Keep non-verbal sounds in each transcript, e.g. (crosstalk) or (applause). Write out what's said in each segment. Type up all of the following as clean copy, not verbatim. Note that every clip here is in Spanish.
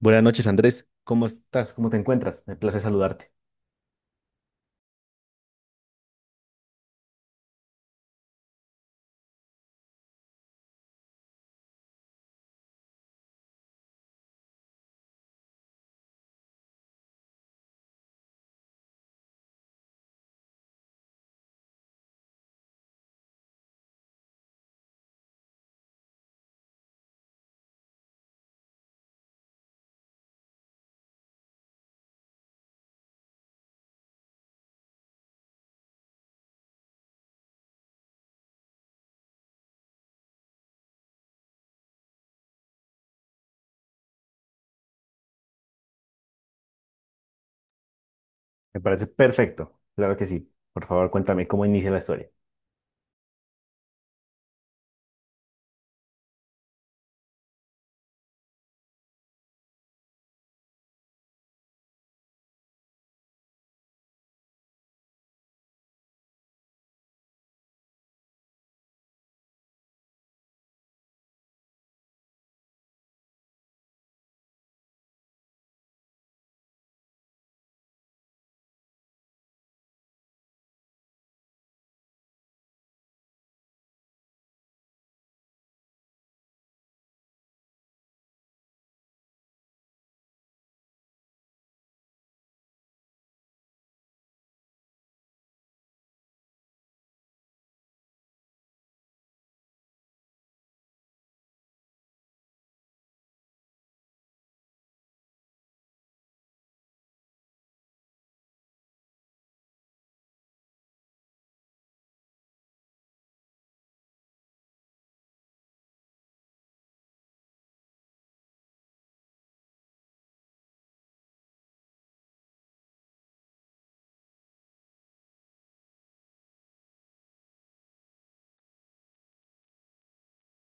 Buenas noches, Andrés. ¿Cómo estás? ¿Cómo te encuentras? Me place saludarte. Me parece perfecto. Claro que sí. Por favor, cuéntame cómo inicia la historia.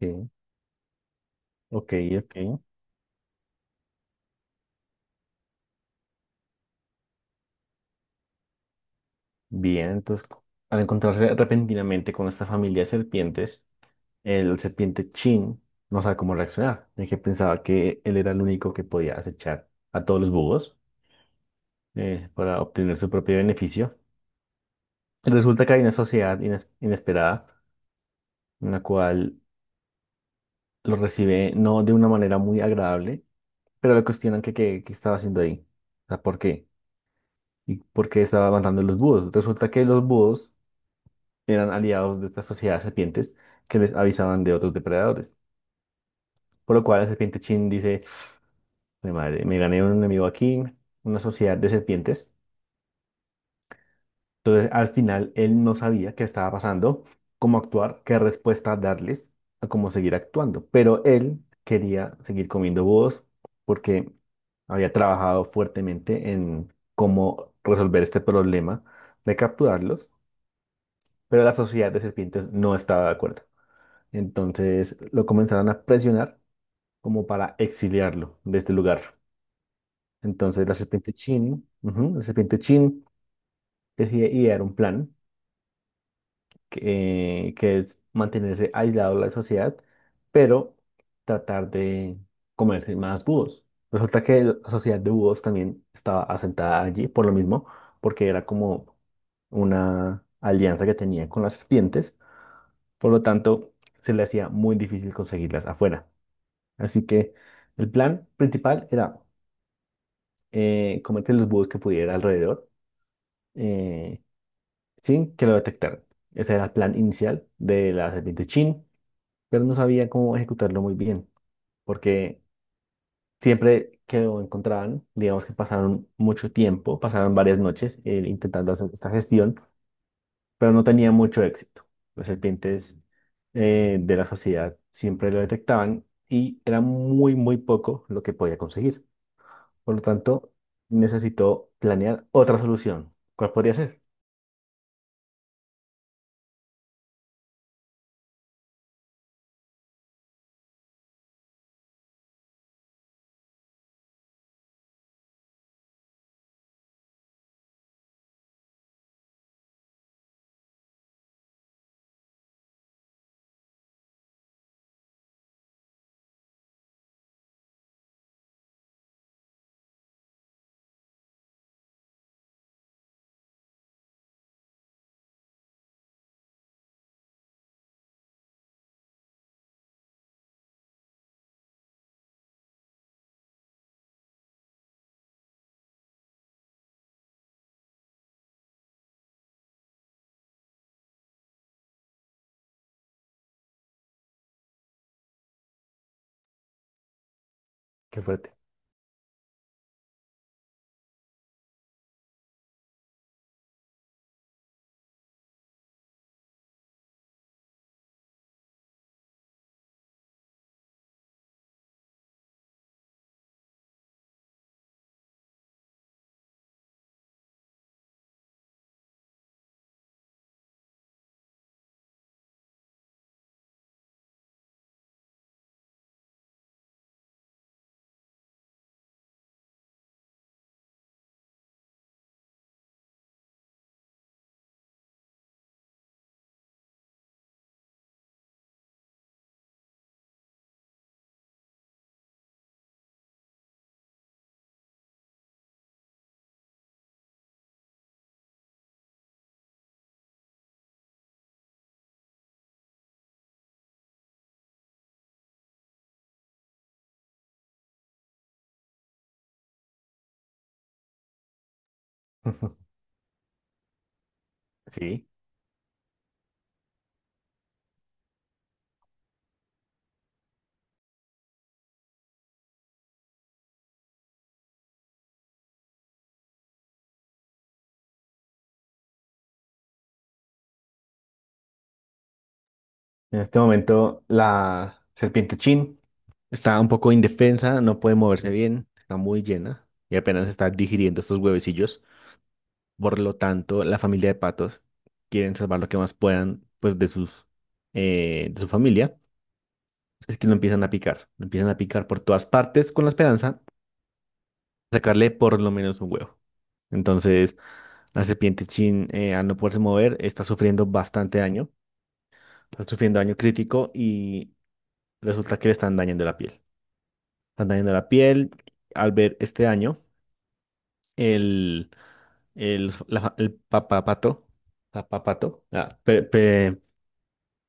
Sí. Ok, ok. Bien, entonces, al encontrarse repentinamente con esta familia de serpientes, el serpiente Chin no sabe cómo reaccionar, ya que pensaba que él era el único que podía acechar a todos los búhos para obtener su propio beneficio. Y resulta que hay una sociedad inesperada en la cual lo recibe no de una manera muy agradable, pero le cuestionan que qué estaba haciendo ahí. O sea, ¿por qué? ¿Y por qué estaba matando a los búhos? Resulta que los búhos eran aliados de esta sociedad de serpientes, que les avisaban de otros depredadores. Por lo cual la serpiente Chin dice, mi madre, me gané un enemigo aquí, una sociedad de serpientes. Entonces, al final, él no sabía qué estaba pasando, cómo actuar, qué respuesta darles, a cómo seguir actuando. Pero él quería seguir comiendo búhos porque había trabajado fuertemente en cómo resolver este problema de capturarlos, pero la sociedad de serpientes no estaba de acuerdo. Entonces, lo comenzaron a presionar como para exiliarlo de este lugar. Entonces, la serpiente Chin, ujú, la serpiente Chin decide idear un plan que es mantenerse aislado de la sociedad, pero tratar de comerse más búhos. Resulta que la sociedad de búhos también estaba asentada allí por lo mismo, porque era como una alianza que tenía con las serpientes, por lo tanto se le hacía muy difícil conseguirlas afuera. Así que el plan principal era comerse los búhos que pudiera alrededor eh, sin que lo detectaran. Ese era el plan inicial de la serpiente Chin, pero no sabía cómo ejecutarlo muy bien, porque siempre que lo encontraban, digamos que pasaron mucho tiempo, pasaron varias noches intentando hacer esta gestión, pero no tenía mucho éxito. Los serpientes de la sociedad siempre lo detectaban y era muy, muy poco lo que podía conseguir. Por lo tanto, necesitó planear otra solución. ¿Cuál podría ser? Qué fuerte. (laughs) Sí. En este momento la serpiente Chin está un poco indefensa, no puede moverse bien, está muy llena y apenas está digiriendo estos huevecillos. Por lo tanto, la familia de patos quieren salvar lo que más puedan pues de sus de su familia. Es que lo empiezan a picar, lo empiezan a picar por todas partes con la esperanza de sacarle por lo menos un huevo. Entonces, la serpiente Chin al no poderse mover está sufriendo bastante daño, está sufriendo daño crítico y resulta que le están dañando la piel. Están dañando la piel. Al ver este daño, el, el papapato, papapato,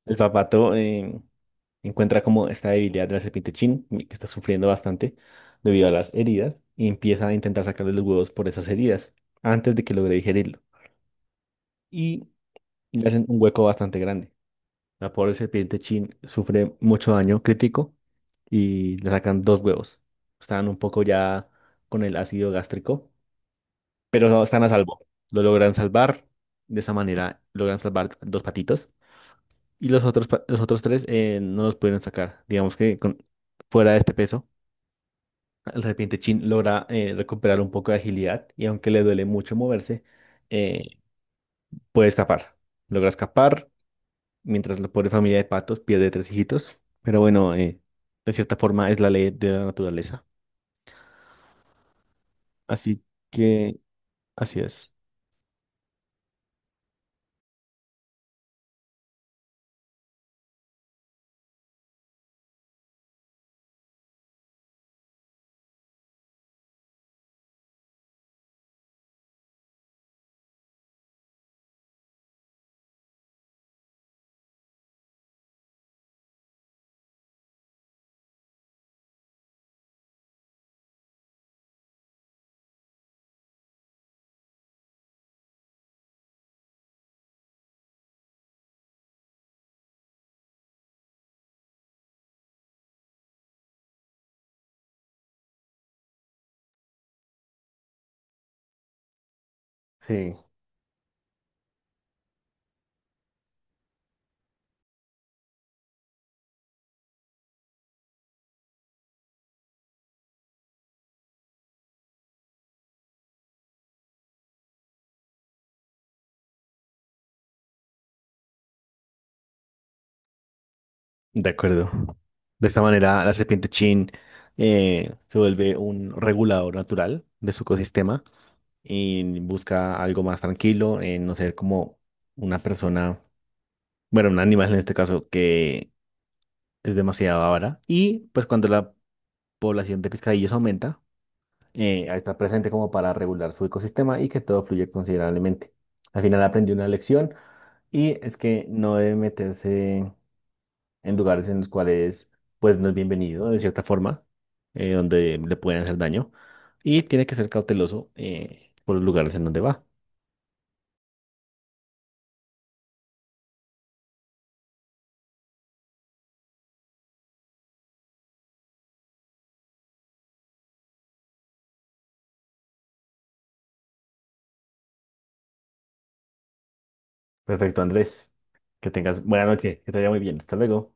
el papato encuentra como esta debilidad de la serpiente Chin, que está sufriendo bastante debido a las heridas, y empieza a intentar sacarle los huevos por esas heridas antes de que logre digerirlo. Y le hacen un hueco bastante grande. La pobre serpiente Chin sufre mucho daño crítico y le sacan dos huevos. Están un poco ya con el ácido gástrico, pero no, están a salvo. Lo logran salvar. De esa manera logran salvar dos patitos. Y los otros, los otros tres no los pudieron sacar. Digamos que fuera de este peso, el serpiente Chin logra recuperar un poco de agilidad y aunque le duele mucho moverse, eh, puede escapar. Logra escapar mientras la pobre familia de patos pierde tres hijitos. Pero bueno, de cierta forma es la ley de la naturaleza. Así que así es. Sí. De acuerdo. De esta manera, la serpiente Chin se vuelve un regulador natural de su ecosistema y busca algo más tranquilo, en no ser como una persona, bueno, un animal en este caso, que es demasiado avara. Y pues cuando la población de pescadillos aumenta, está presente como para regular su ecosistema y que todo fluye considerablemente. Al final aprendí una lección y es que no debe meterse en lugares en los cuales pues no es bienvenido de cierta forma, donde le pueden hacer daño y tiene que ser cauteloso por los lugares en donde va. Perfecto, Andrés. Que tengas buena noche, que te vaya muy bien. Hasta luego.